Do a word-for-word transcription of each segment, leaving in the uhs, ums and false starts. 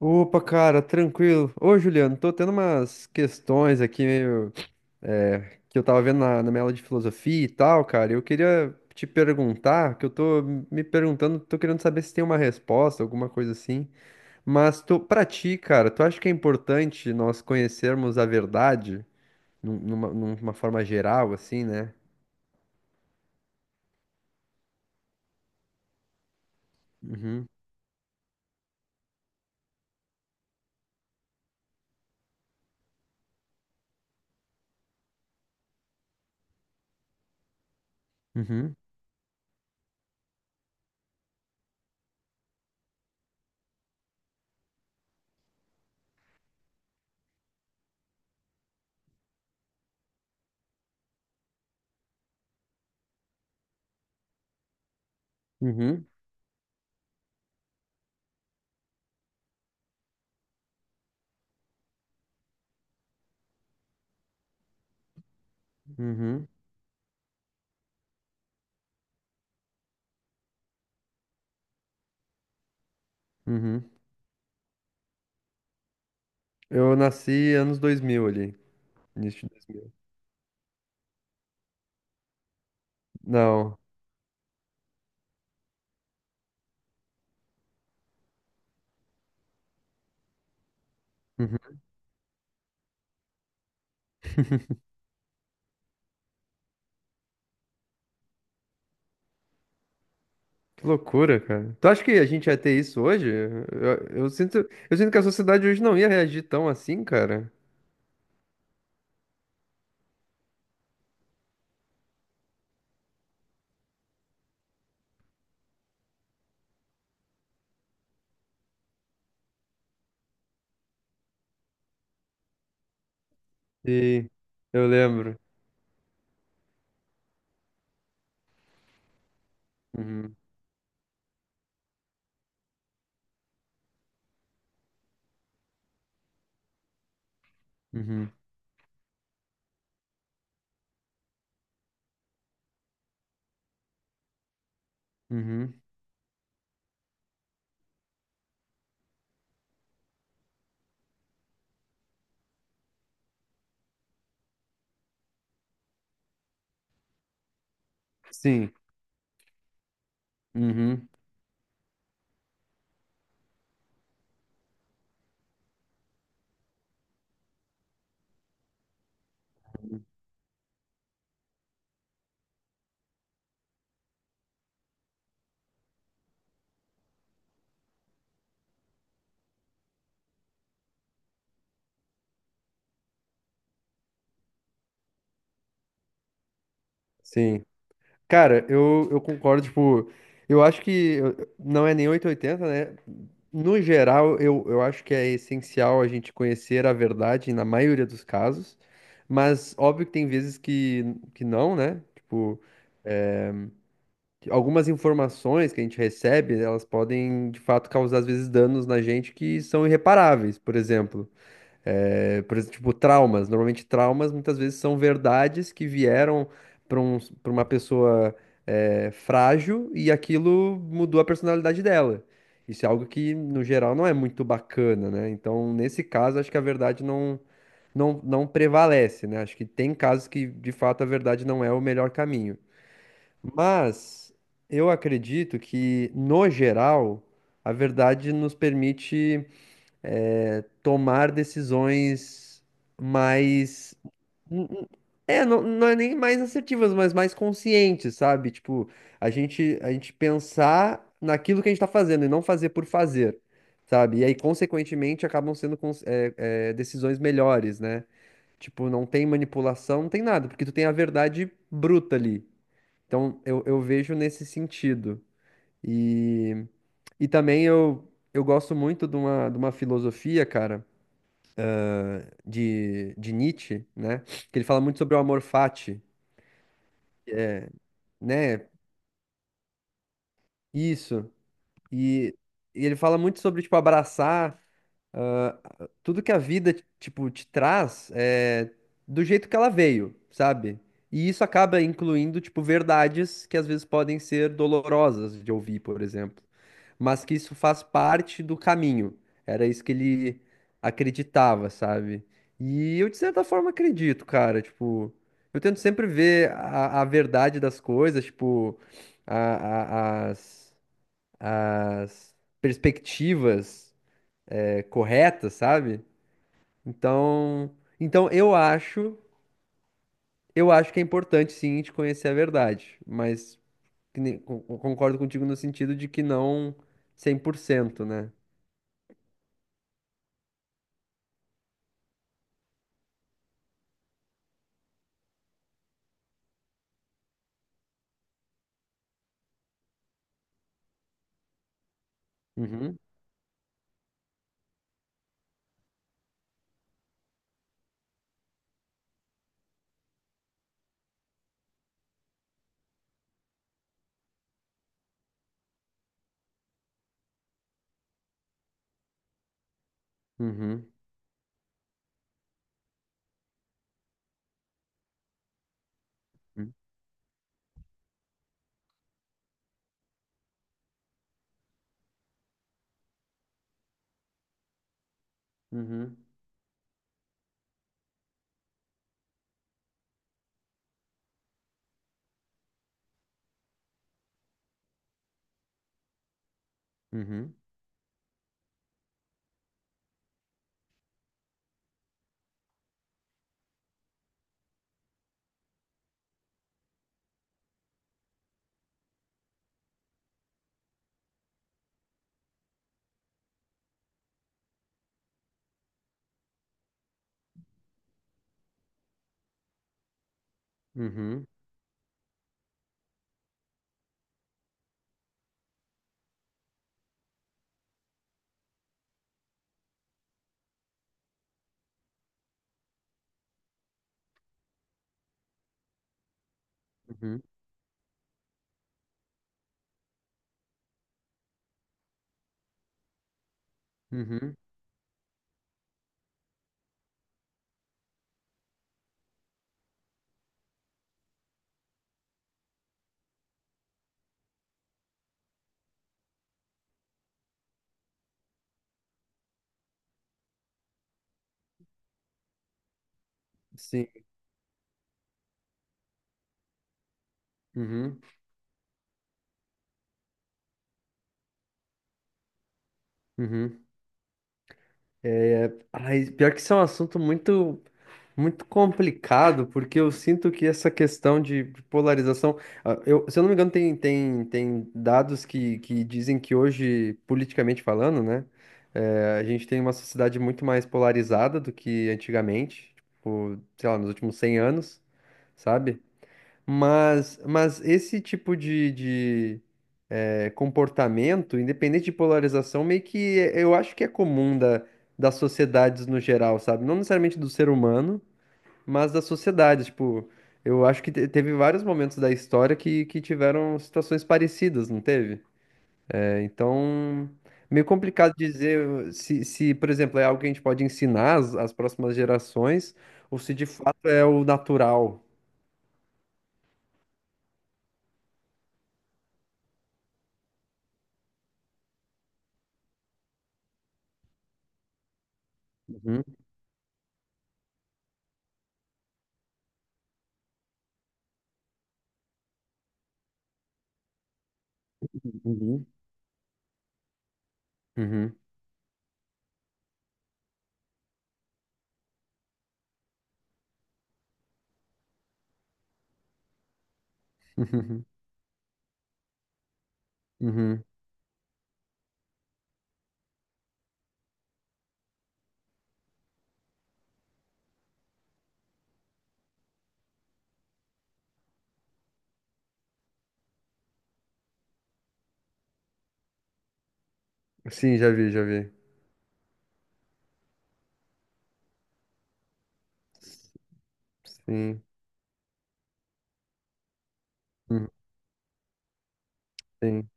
Opa, cara, tranquilo. Ô, Juliano, tô tendo umas questões aqui meio, é, que eu tava vendo na, na minha aula de filosofia e tal, cara. Eu queria te perguntar, que eu tô me perguntando, tô querendo saber se tem uma resposta, alguma coisa assim. Mas tu, pra ti, cara, tu acha que é importante nós conhecermos a verdade num- numa, numa forma geral, assim, né? Uhum, uhum, uhum, uhum, uhum. Eu nasci anos dois mil, ali, início de dois mil. Não. Uhum. Que loucura, cara. Tu acha que a gente ia ter isso hoje? Eu, eu sinto, eu sinto que a sociedade hoje não ia reagir tão assim, cara. E eu lembro. Uhum, uhum, uhum. Sim, uhum, sim. Cara, eu, eu concordo, tipo, eu acho que eu- não é nem oitocentos e oitenta, né? No geral, eu, eu acho que é essencial a gente conhecer a verdade na maioria dos casos, mas óbvio que tem vezes que, que não, né? Tipo, algumas informações que a gente recebe, elas podem, de fato, causar, às vezes, danos na gente que são irreparáveis, por exemplo. É, por exemplo, tipo, traumas. Normalmente, traumas, muitas vezes, são verdades que vieram para um, para uma pessoa, é, frágil, e aquilo mudou a personalidade dela. Isso é algo que, no geral, não é muito bacana, né? Então, nesse caso, acho que a verdade não, não, não prevalece, né? Acho que tem casos que, de fato, a verdade não é o melhor caminho. Mas eu acredito que, no geral, a verdade nos permite eh, tomar decisões mais. n- n- É, não, não é nem mais assertivas, mas mais conscientes, sabe? Tipo, a gente, a gente pensar naquilo que a gente tá fazendo e não fazer por fazer, sabe? E aí, consequentemente, acabam sendo cons- eh, eh, decisões melhores, né? Tipo, não tem manipulação, não tem nada, porque tu tem a verdade bruta ali. Então, eu, eu vejo nesse sentido. E, e também eu, eu gosto muito de uma, de uma filosofia, cara, de, de Nietzsche, né? Que ele fala muito sobre o amor fati, né? Isso. E, e ele fala muito sobre, tipo, abraçar ah, tudo que a vida, tipo, te traz é, do jeito que ela veio, sabe? E isso acaba incluindo, tipo, verdades que às vezes podem ser dolorosas de ouvir, por exemplo, mas que isso faz parte do caminho. Era isso que ele acreditava, sabe? E eu, de certa forma, acredito, cara. Tipo, eu tento sempre ver a, a verdade das coisas, tipo, a- a- as, as perspectivas, é, corretas, sabe? Então, então eu acho, eu acho que é importante, sim, a gente conhecer a verdade, mas que nem- con- con- concordo contigo no sentido de que não cem por cento, né? Uhum, uhum, uhum. Uhum, uhum, uhum, uhum, uhum, sim, uhum, uhum. Ai, pior que isso é um assunto muito, muito complicado, porque eu sinto que essa questão de de polarização, ah, eu, se eu não me engano, tem, tem, tem dados que, que dizem que hoje, politicamente falando, né, eh, a gente tem uma sociedade muito mais polarizada do que antigamente, tipo, sei lá, nos últimos cem anos, sabe? Mas, mas esse tipo de, de é, comportamento, independente de polarização, meio que é- eu acho que é comum da, das sociedades no geral, sabe? Não necessariamente do ser humano, mas das sociedades. Tipo, eu acho que te- teve vários momentos da história que, que tiveram situações parecidas, não teve? É, então, meio complicado dizer se, se, por exemplo, é algo que a gente pode ensinar às, às próximas gerações ou se de fato é o natural. Uhum, uhum, uhum, uhum, uhum. Sim, já vi, já vi. Sim. Sim.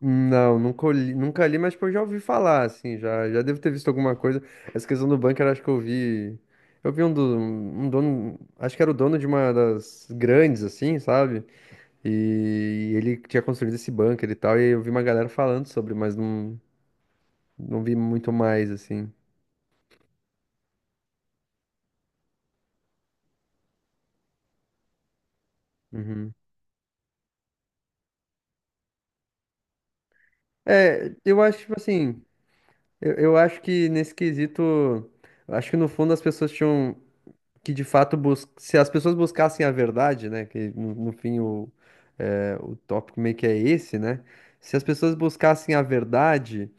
Não, nunca li, nunca li, mas tipo, eu já ouvi falar, assim, já, já devo ter visto alguma coisa. Essa questão do bunker, acho que eu vi. Eu vi um, do, um dono, acho que era o dono de uma das grandes, assim, sabe? E ele tinha construído esse bunker e tal, e eu vi uma galera falando sobre, mas não, não vi muito mais, assim. Uhum. É, eu acho, tipo assim, eu, eu acho que nesse quesito, eu acho que no fundo as pessoas tinham. Que de fato bus... se as pessoas buscassem a verdade, né, que no, no fim o, é, o tópico meio que é esse, né? Se as pessoas buscassem a verdade,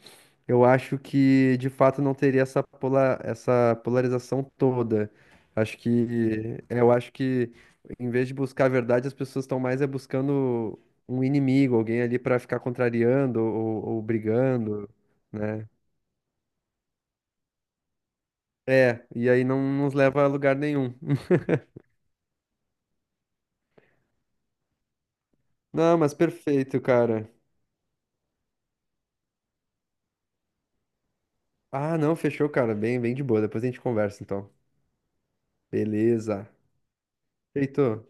eu acho que de fato não teria essa pola... essa polarização toda. Acho que eu acho que em vez de buscar a verdade, as pessoas estão mais é buscando um inimigo, alguém ali para ficar contrariando ou, ou brigando, né? É, e aí não nos leva a lugar nenhum. Não, mas perfeito, cara. Ah, não, fechou, cara. Bem, bem de boa. Depois a gente conversa, então. Beleza. Feito.